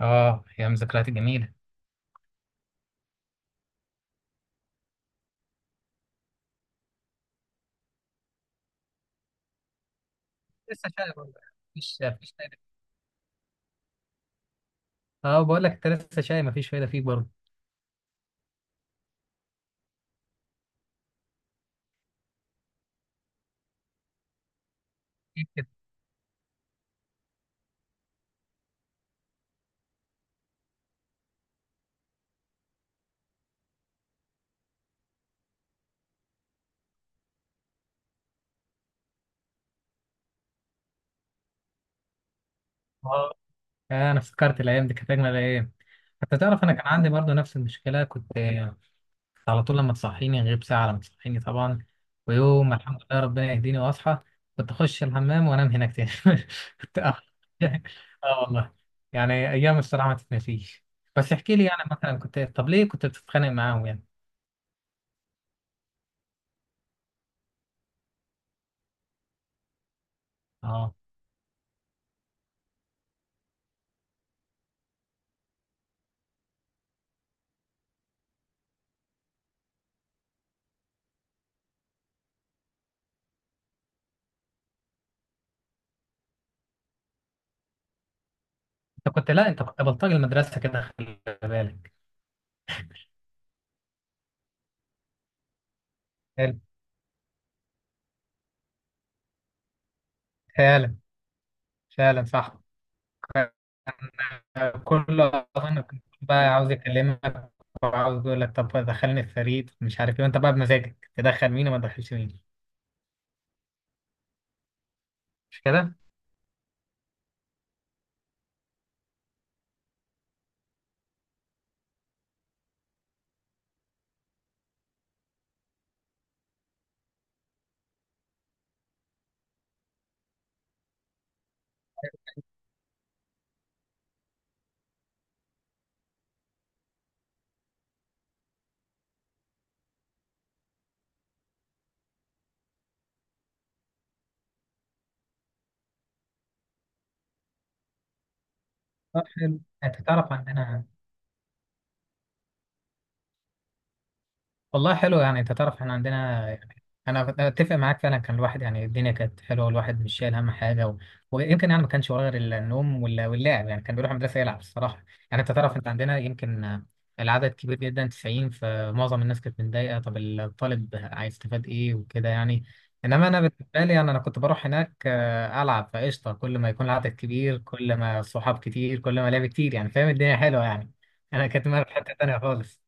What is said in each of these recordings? اه، ايام ذكريات جميله. لسه شاي برضه. مفيش فايدة. اه بقول لك انت، لسه شاي مفيش فايدة فيك برضه. أكيد كده. اه. انا افتكرت الايام دي كانت اجمل ايام. حتى تعرف انا كان عندي برضو نفس المشكله كنت على طول لما تصحيني، غير ساعه لما تصحيني طبعا. ويوم ما الحمد لله ربنا يهديني واصحى، كنت اخش الحمام وانام هناك تاني. كنت أخ- اه والله، يعني ايام الصراحه ما تتنسيش. بس احكي لي يعني، مثلا كنت طب ليه كنت بتتخانق معاهم يعني؟ اه. انت كنت، لا انت كنت بلطجي المدرسه كده، خلي بالك. حلو. فعلا، فعلا صح. كل أظن كنت بقى عاوز يكلمك، وعاوز يقول لك طب دخلني الفريق مش عارف ايه، وانت بقى بمزاجك تدخل مين وما تدخلش مين. مش كده؟ طب حلو، انت تعرف عندنا، والله حلو، يعني انت تعرف احنا عندنا يعني. انا اتفق معاك، فعلا كان الواحد يعني الدنيا كانت حلوه، والواحد مش شايل هم حاجه و... ويمكن يعني ما كانش وراه غير النوم واللعب، يعني كان بيروح المدرسه يلعب الصراحه. يعني انت تعرف انت عندنا، يمكن العدد كبير جدا 90، فمعظم الناس كانت متضايقه، طب الطالب هيستفاد ايه وكده يعني. انما انا بالنسبه لي، يعني انا كنت بروح هناك العب فقشطه، كل ما يكون العدد كبير، كل ما الصحاب كتير، كل ما لعب كتير، يعني فاهم الدنيا حلوه يعني. انا كنت في حته تانيه خالص.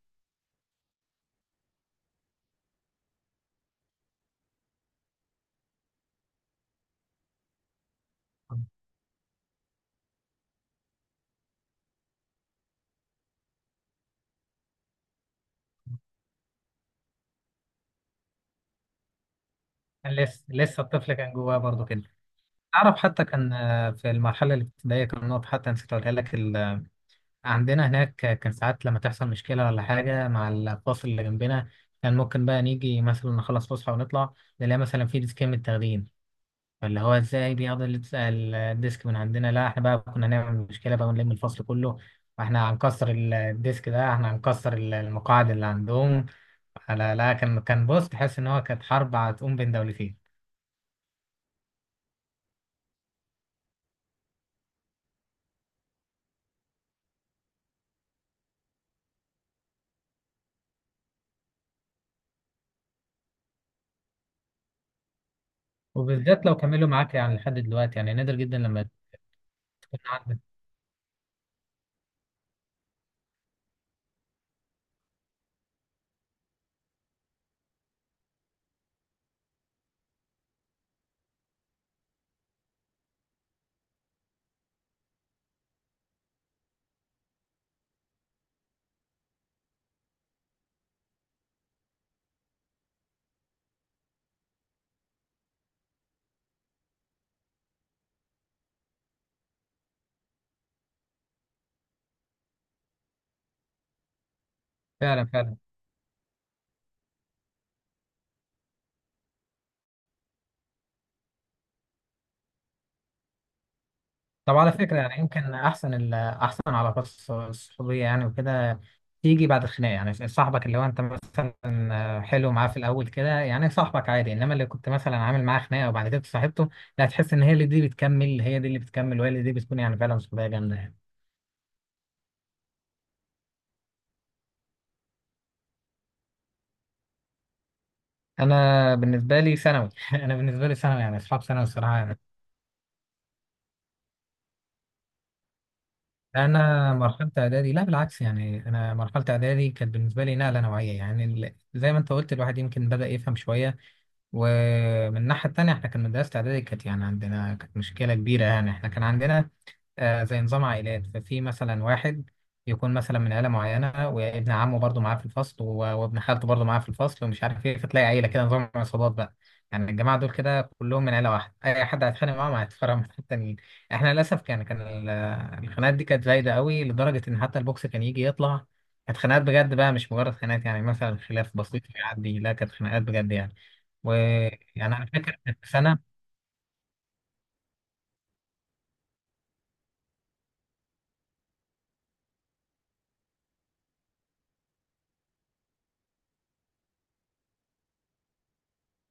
لسه الطفل كان جواه برضه كده. تعرف حتى كان في المرحلة الابتدائية كان نقطة حتى نسيت أقولها لك. عندنا هناك كان ساعات لما تحصل مشكلة ولا حاجة مع الفصل اللي جنبنا، كان ممكن بقى نيجي مثلا نخلص فسحة ونطلع، نلاقي مثلا في ديسكين متاخدين. فاللي هو ازاي بياخدوا الديسك من عندنا؟ لا احنا بقى كنا نعمل مشكلة بقى ونلم الفصل كله، واحنا هنكسر الديسك ده، احنا هنكسر المقاعد اللي عندهم. لا لا، كان بص، تحس ان هو كانت حرب هتقوم بين دولتين. وبالذات لو كملوا معاك يعني لحد دلوقتي، يعني نادر جدا لما تكون عندك. فعلا فعلا. طب على فكرة يعني، يمكن أحسن ال أحسن علاقات الصحوبية يعني وكده، تيجي بعد الخناقة. يعني صاحبك اللي هو أنت مثلا حلو معاه في الأول كده، يعني صاحبك عادي، إنما اللي كنت مثلا عامل معاه خناقة وبعد كده صاحبته، لا تحس إن هي اللي دي بتكمل، هي دي اللي بتكمل وهي اللي دي بتكون يعني فعلا صحوبية جامدة يعني. أنا بالنسبة لي ثانوي. أنا بالنسبة لي ثانوي، يعني أصحاب ثانوي الصراحة. انا مرحله اعدادي، لا بالعكس، يعني انا مرحله اعدادي كانت بالنسبه لي نقله نوعيه يعني. زي ما انت قلت، الواحد يمكن بدا يفهم شويه. ومن الناحيه التانيه احنا كان مدرسه اعدادي كانت يعني عندنا كانت مشكله كبيره. يعني احنا كان عندنا زي نظام عائلات. ففي مثلا واحد يكون مثلا من عيلة معينة، وابن عمه برضه معاه في الفصل وابن خالته برضه معاه في الفصل ومش عارف ايه، فتلاقي عيلة كده نظام عصابات بقى. يعني الجماعة دول كده كلهم من عيلة واحدة، أي حد هيتخانق معاهم هيتفرق من التانيين. احنا للأسف كان الخناقات دي كانت زايدة قوي لدرجة إن حتى البوكس كان يجي يطلع. كانت خناقات بجد بقى، مش مجرد خناقات، يعني مثلا خلاف بسيط يعدي، لا كانت خناقات بجد يعني. ويعني أنا فاكر إن في سنة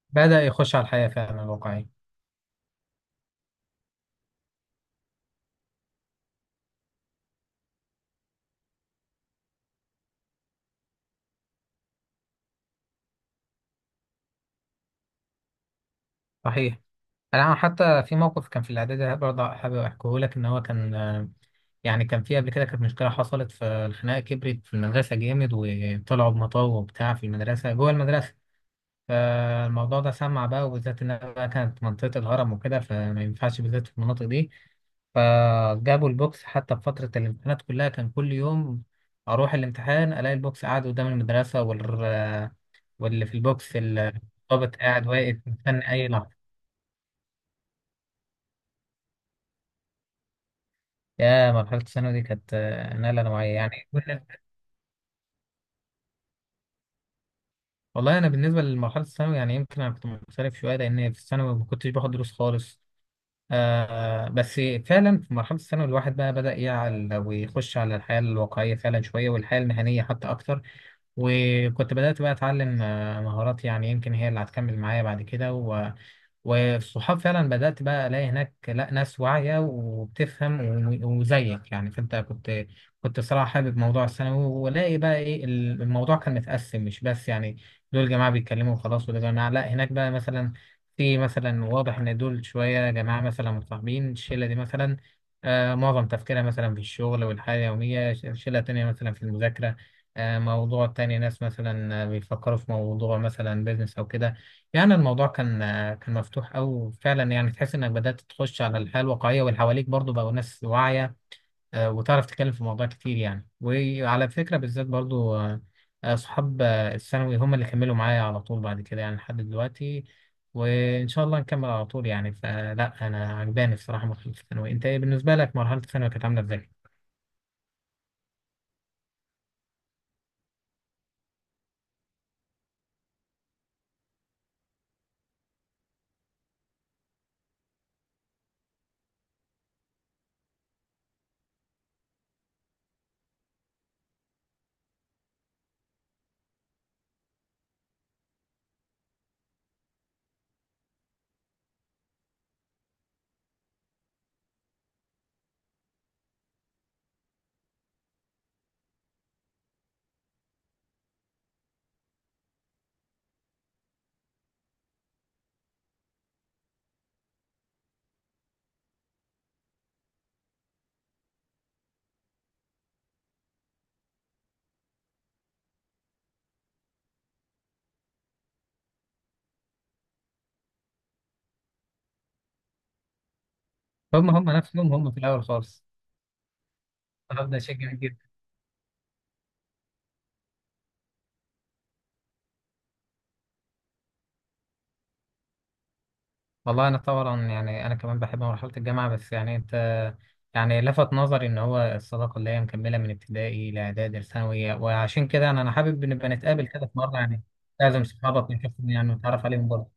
بدأ يخش على الحياة فعلا الواقعية. صحيح، انا حتى في موقف كان في الاعدادي برضه حابب احكيه لك، ان هو كان يعني كان في قبل كده كانت مشكله حصلت، فالخناقه كبرت في المدرسه جامد، وطلعوا بمطاوه وبتاع في المدرسه جوه المدرسه. فالموضوع ده سمع بقى، وبالذات انها بقى كانت منطقه الهرم وكده، فما ينفعش بالذات في المناطق دي. فجابوا البوكس حتى في فترة الامتحانات كلها. كان كل يوم أروح الامتحان ألاقي البوكس قاعد قدام المدرسة واللي في البوكس الضابط قاعد واقف مستني أي لحظة. يا مرحلة الثانوي دي كانت نقلة نوعية يعني. والله أنا بالنسبة لمرحلة الثانوي، يعني يمكن أنا كنت مختلف شوية، لأن في الثانوي ما كنتش باخد دروس خالص. آه بس، فعلا في مرحلة الثانوي الواحد بقى بدأ يعقل ويخش على الحياة الواقعية فعلا شوية، والحياة المهنية حتى أكتر. وكنت بدأت بقى أتعلم مهارات، يعني يمكن هي اللي هتكمل معايا بعد كده. والصحاب فعلا بدأت بقى ألاقي هناك، لا ناس واعية وبتفهم وزيك يعني. فأنت كنت، كنت صراحة حابب موضوع الثانوي، ولاقي بقى إيه الموضوع كان متقسم، مش بس يعني دول جماعة بيتكلموا وخلاص، ودول جماعة لا، هناك بقى مثلا في مثلا واضح إن دول شوية جماعة مثلا متصاحبين، الشلة دي مثلا معظم تفكيرها مثلا في الشغل والحياة اليومية، شلة تانية مثلا في المذاكرة، موضوع تاني، ناس مثلا بيفكروا في موضوع مثلا بيزنس أو كده. يعني الموضوع كان كان مفتوح أوي فعلا، يعني تحس إنك بدأت تخش على الحياة الواقعية، واللي حواليك برضو بقوا ناس واعية وتعرف تتكلم في مواضيع كتير يعني. وعلى فكرة بالذات برضو، صحاب الثانوي هم اللي كملوا معايا على طول بعد كده، يعني لحد دلوقتي، وإن شاء الله نكمل على طول يعني. فلا أنا عجباني الصراحة مرحلة الثانوي. أنت إيه بالنسبة لك مرحلة الثانوي كانت عاملة إزاي؟ هم نفسهم هم في الأول خالص. أنا ببدأ أشجع. والله انا طبعا، يعني انا كمان بحب مرحله الجامعه، بس يعني انت، يعني لفت نظري ان هو الصداقه اللي هي مكمله من ابتدائي لاعدادي لثانوي، وعشان كده انا حابب نبقى نتقابل كده في مره يعني. لازم صحابك نشوفهم يعني، ونتعرف عليهم برضه.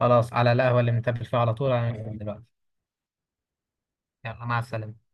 خلاص، على القهوه اللي بنتقابل فيها على طول هننزل دلوقتي. يلا، مع السلامه.